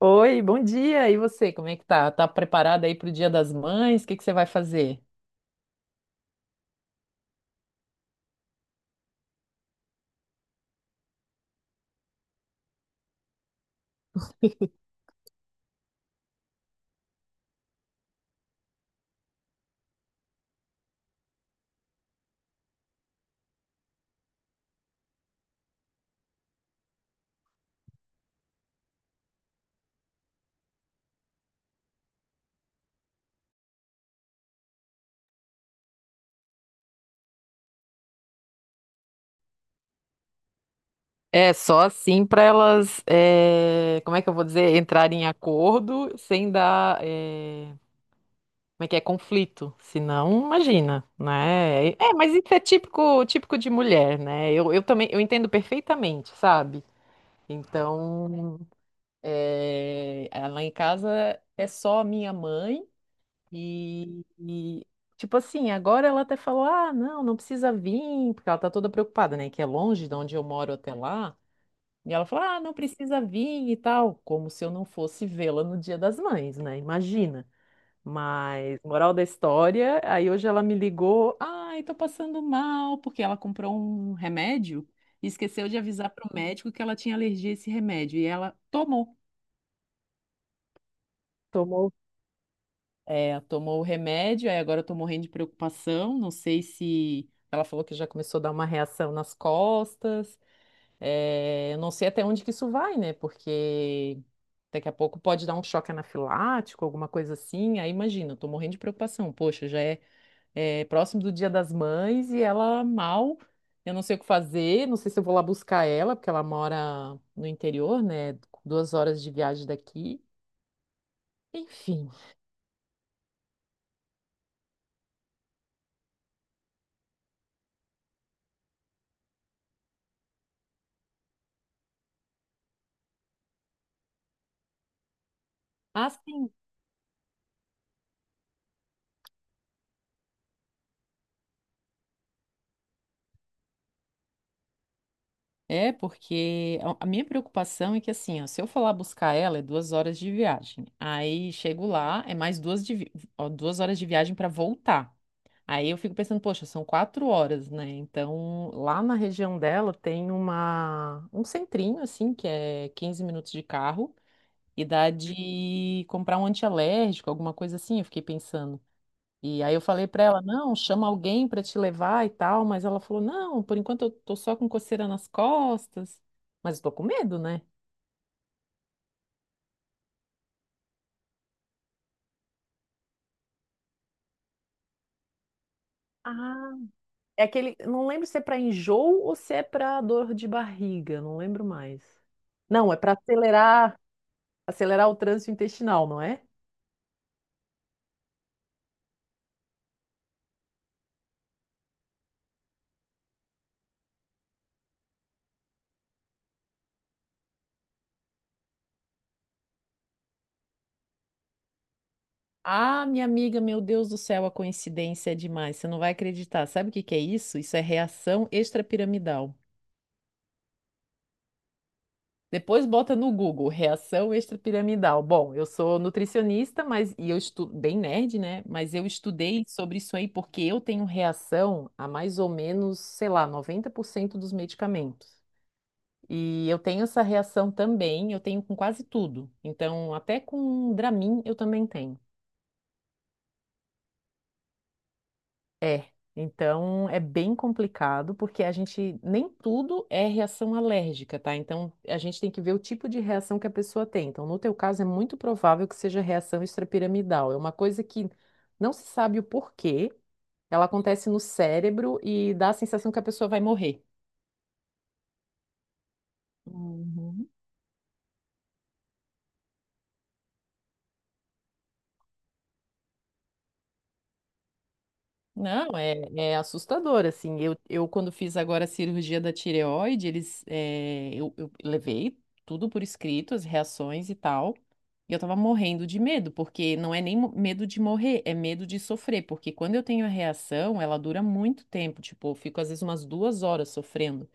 Oi, bom dia. E você, como é que tá? Tá preparada aí pro Dia das Mães? O que que você vai fazer? É só assim para elas, como é que eu vou dizer, entrarem em acordo sem dar, como é que é, conflito. Senão, imagina, né? É, mas isso é típico, típico de mulher, né? Eu também, eu entendo perfeitamente, sabe? Então, lá em casa é só a minha mãe. E, e, tipo assim, agora ela até falou: ah, não, não precisa vir, porque ela tá toda preocupada, né? Que é longe de onde eu moro até lá. E ela falou: ah, não precisa vir e tal, como se eu não fosse vê-la no Dia das Mães, né? Imagina. Mas, moral da história, aí hoje ela me ligou: ai, tô passando mal, porque ela comprou um remédio e esqueceu de avisar pro médico que ela tinha alergia a esse remédio. E ela tomou. Tomou. É, tomou o remédio, aí agora eu tô morrendo de preocupação. Não sei se ela falou que já começou a dar uma reação nas costas. É, eu não sei até onde que isso vai, né? Porque daqui a pouco pode dar um choque anafilático, alguma coisa assim. Aí imagina, eu tô morrendo de preocupação. Poxa, já é, é próximo do Dia das Mães e ela mal. Eu não sei o que fazer, não sei se eu vou lá buscar ela, porque ela mora no interior, né? 2 horas de viagem daqui. Enfim. Assim, é, porque a minha preocupação é que, assim, ó, se eu for lá buscar ela, é 2 horas de viagem. Aí chego lá, é mais duas, de ó, 2 horas de viagem para voltar. Aí eu fico pensando, poxa, são quatro horas, né? Então, lá na região dela tem uma, um centrinho, assim, que é 15 minutos de carro, e dá de comprar um antialérgico, alguma coisa assim, eu fiquei pensando. E aí eu falei pra ela, não, chama alguém pra te levar e tal, mas ela falou, não, por enquanto eu tô só com coceira nas costas, mas eu tô com medo, né? Ah, é aquele. Não lembro se é para enjoo ou se é para dor de barriga, não lembro mais. Não, é para acelerar, acelerar o trânsito intestinal, não é? Ah, minha amiga, meu Deus do céu, a coincidência é demais, você não vai acreditar. Sabe o que que é isso? Isso é reação extrapiramidal. Depois bota no Google, reação extrapiramidal. Bom, eu sou nutricionista, mas e eu estudo bem nerd, né? Mas eu estudei sobre isso aí porque eu tenho reação a mais ou menos, sei lá, 90% dos medicamentos. E eu tenho essa reação também, eu tenho com quase tudo. Então, até com Dramin eu também tenho. É, então é bem complicado, porque a gente nem tudo é reação alérgica, tá? Então a gente tem que ver o tipo de reação que a pessoa tem. Então, no teu caso, é muito provável que seja reação extrapiramidal. É uma coisa que não se sabe o porquê, ela acontece no cérebro e dá a sensação que a pessoa vai morrer. Uhum. Não, é, é assustador, assim, eu quando fiz agora a cirurgia da tireoide, eles, eh, eu levei tudo por escrito, as reações e tal, e eu tava morrendo de medo, porque não é nem medo de morrer, é medo de sofrer, porque quando eu tenho a reação, ela dura muito tempo, tipo, eu fico às vezes umas 2 horas sofrendo,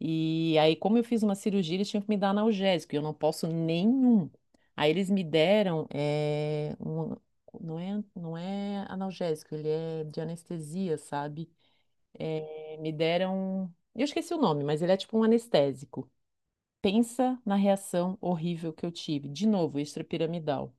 e aí, como eu fiz uma cirurgia, eles tinham que me dar analgésico, e eu não posso nenhum. Aí eles me deram, não é, não é analgésico, ele é de anestesia, sabe? Me deram, eu esqueci o nome, mas ele é tipo um anestésico. Pensa na reação horrível que eu tive. De novo, extrapiramidal.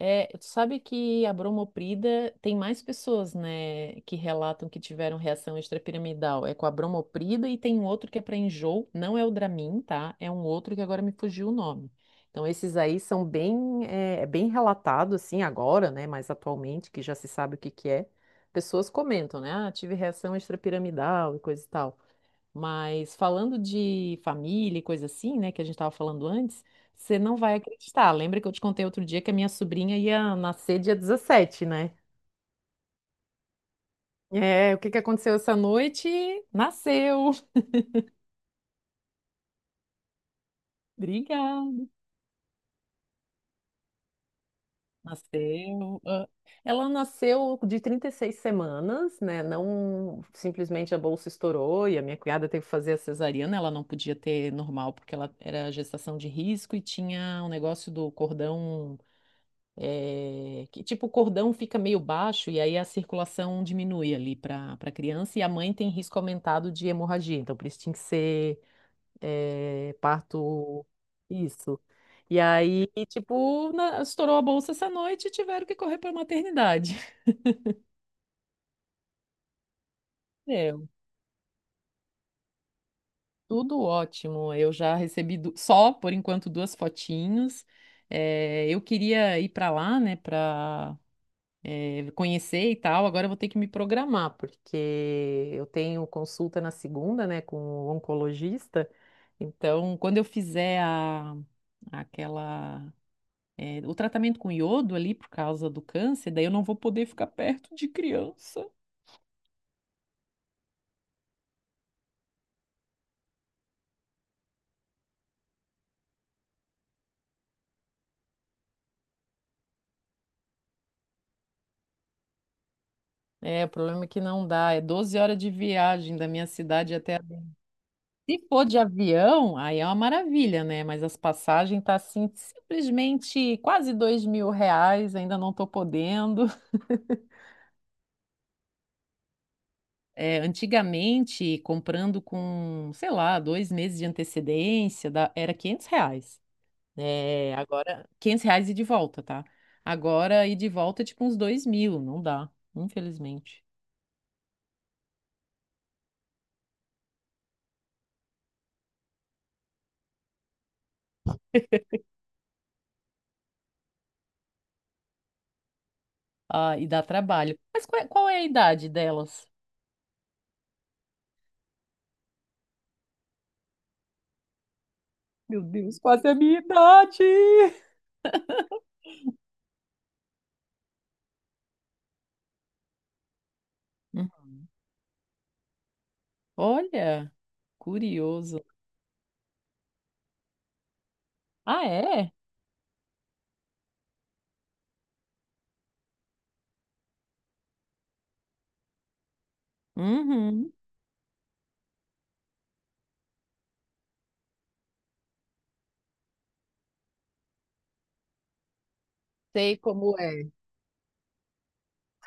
É, tu sabe que a bromoprida tem mais pessoas, né, que relatam que tiveram reação extrapiramidal. É com a bromoprida e tem um outro que é para enjoo, não é o Dramin, tá? É um outro que agora me fugiu o nome. Então esses aí são bem, é, bem relatados assim agora, né, mais atualmente, que já se sabe o que que é. Pessoas comentam, né? Ah, tive reação extrapiramidal e coisa e tal. Mas falando de família e coisa assim, né, que a gente estava falando antes, você não vai acreditar. Lembra que eu te contei outro dia que a minha sobrinha ia nascer dia 17, né? É, o que que aconteceu essa noite? Nasceu. Obrigada. Nasceu. Ah, ela nasceu de 36 semanas, né? Não simplesmente a bolsa estourou e a minha cunhada teve que fazer a cesariana, ela não podia ter normal porque ela era gestação de risco e tinha um negócio do cordão, que tipo o cordão fica meio baixo e aí a circulação diminui ali para a criança e a mãe tem risco aumentado de hemorragia. Então, por isso tinha que ser parto. Isso. E aí, tipo, estourou a bolsa essa noite e tiveram que correr para a maternidade. Meu, tudo ótimo. Eu já recebi só, por enquanto, duas fotinhos. Eu queria ir para lá, né, para conhecer e tal, agora eu vou ter que me programar, porque eu tenho consulta na segunda, né, com o oncologista. Então, quando eu fizer a, aquela, o tratamento com iodo ali por causa do câncer, daí eu não vou poder ficar perto de criança. É, o problema é que não dá, é 12 horas de viagem da minha cidade até a... Se for de avião, aí é uma maravilha, né? Mas as passagens tá assim, simplesmente quase R$ 2.000, ainda não tô podendo. É, antigamente, comprando com, sei lá, dois meses de antecedência, era R$ 500. É, agora, R$ 500 e de volta, tá? Agora, e de volta, é tipo uns 2.000, não dá, infelizmente. Ah, e dá trabalho. Mas qual é a idade delas? Meu Deus, quase a minha idade! Hum. Olha, curioso. Ah, é? Uhum. Sei como é.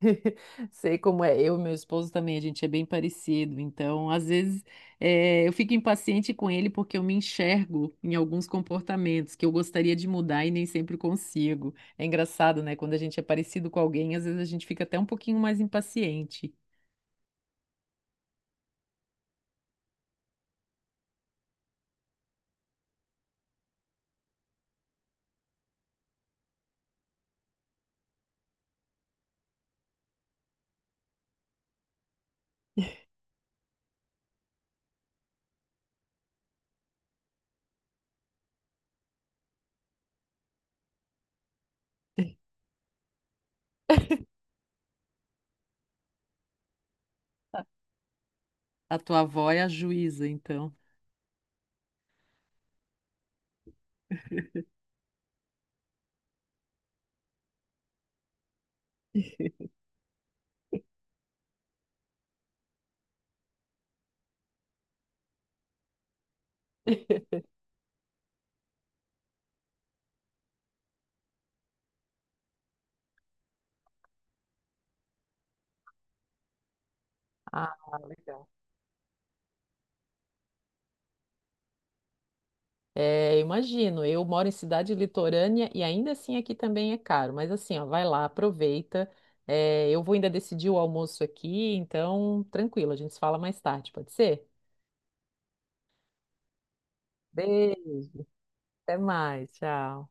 Sei como é. Eu e meu esposo também, a gente é bem parecido. Então, às vezes, eu fico impaciente com ele porque eu me enxergo em alguns comportamentos que eu gostaria de mudar e nem sempre consigo. É engraçado, né? Quando a gente é parecido com alguém, às vezes a gente fica até um pouquinho mais impaciente. A tua avó é a juíza, então. Ah, legal. É, imagino, eu moro em cidade litorânea e ainda assim aqui também é caro, mas assim, ó, vai lá, aproveita. É, eu vou ainda decidir o almoço aqui, então tranquilo, a gente se fala mais tarde, pode ser? Beijo, até mais, tchau.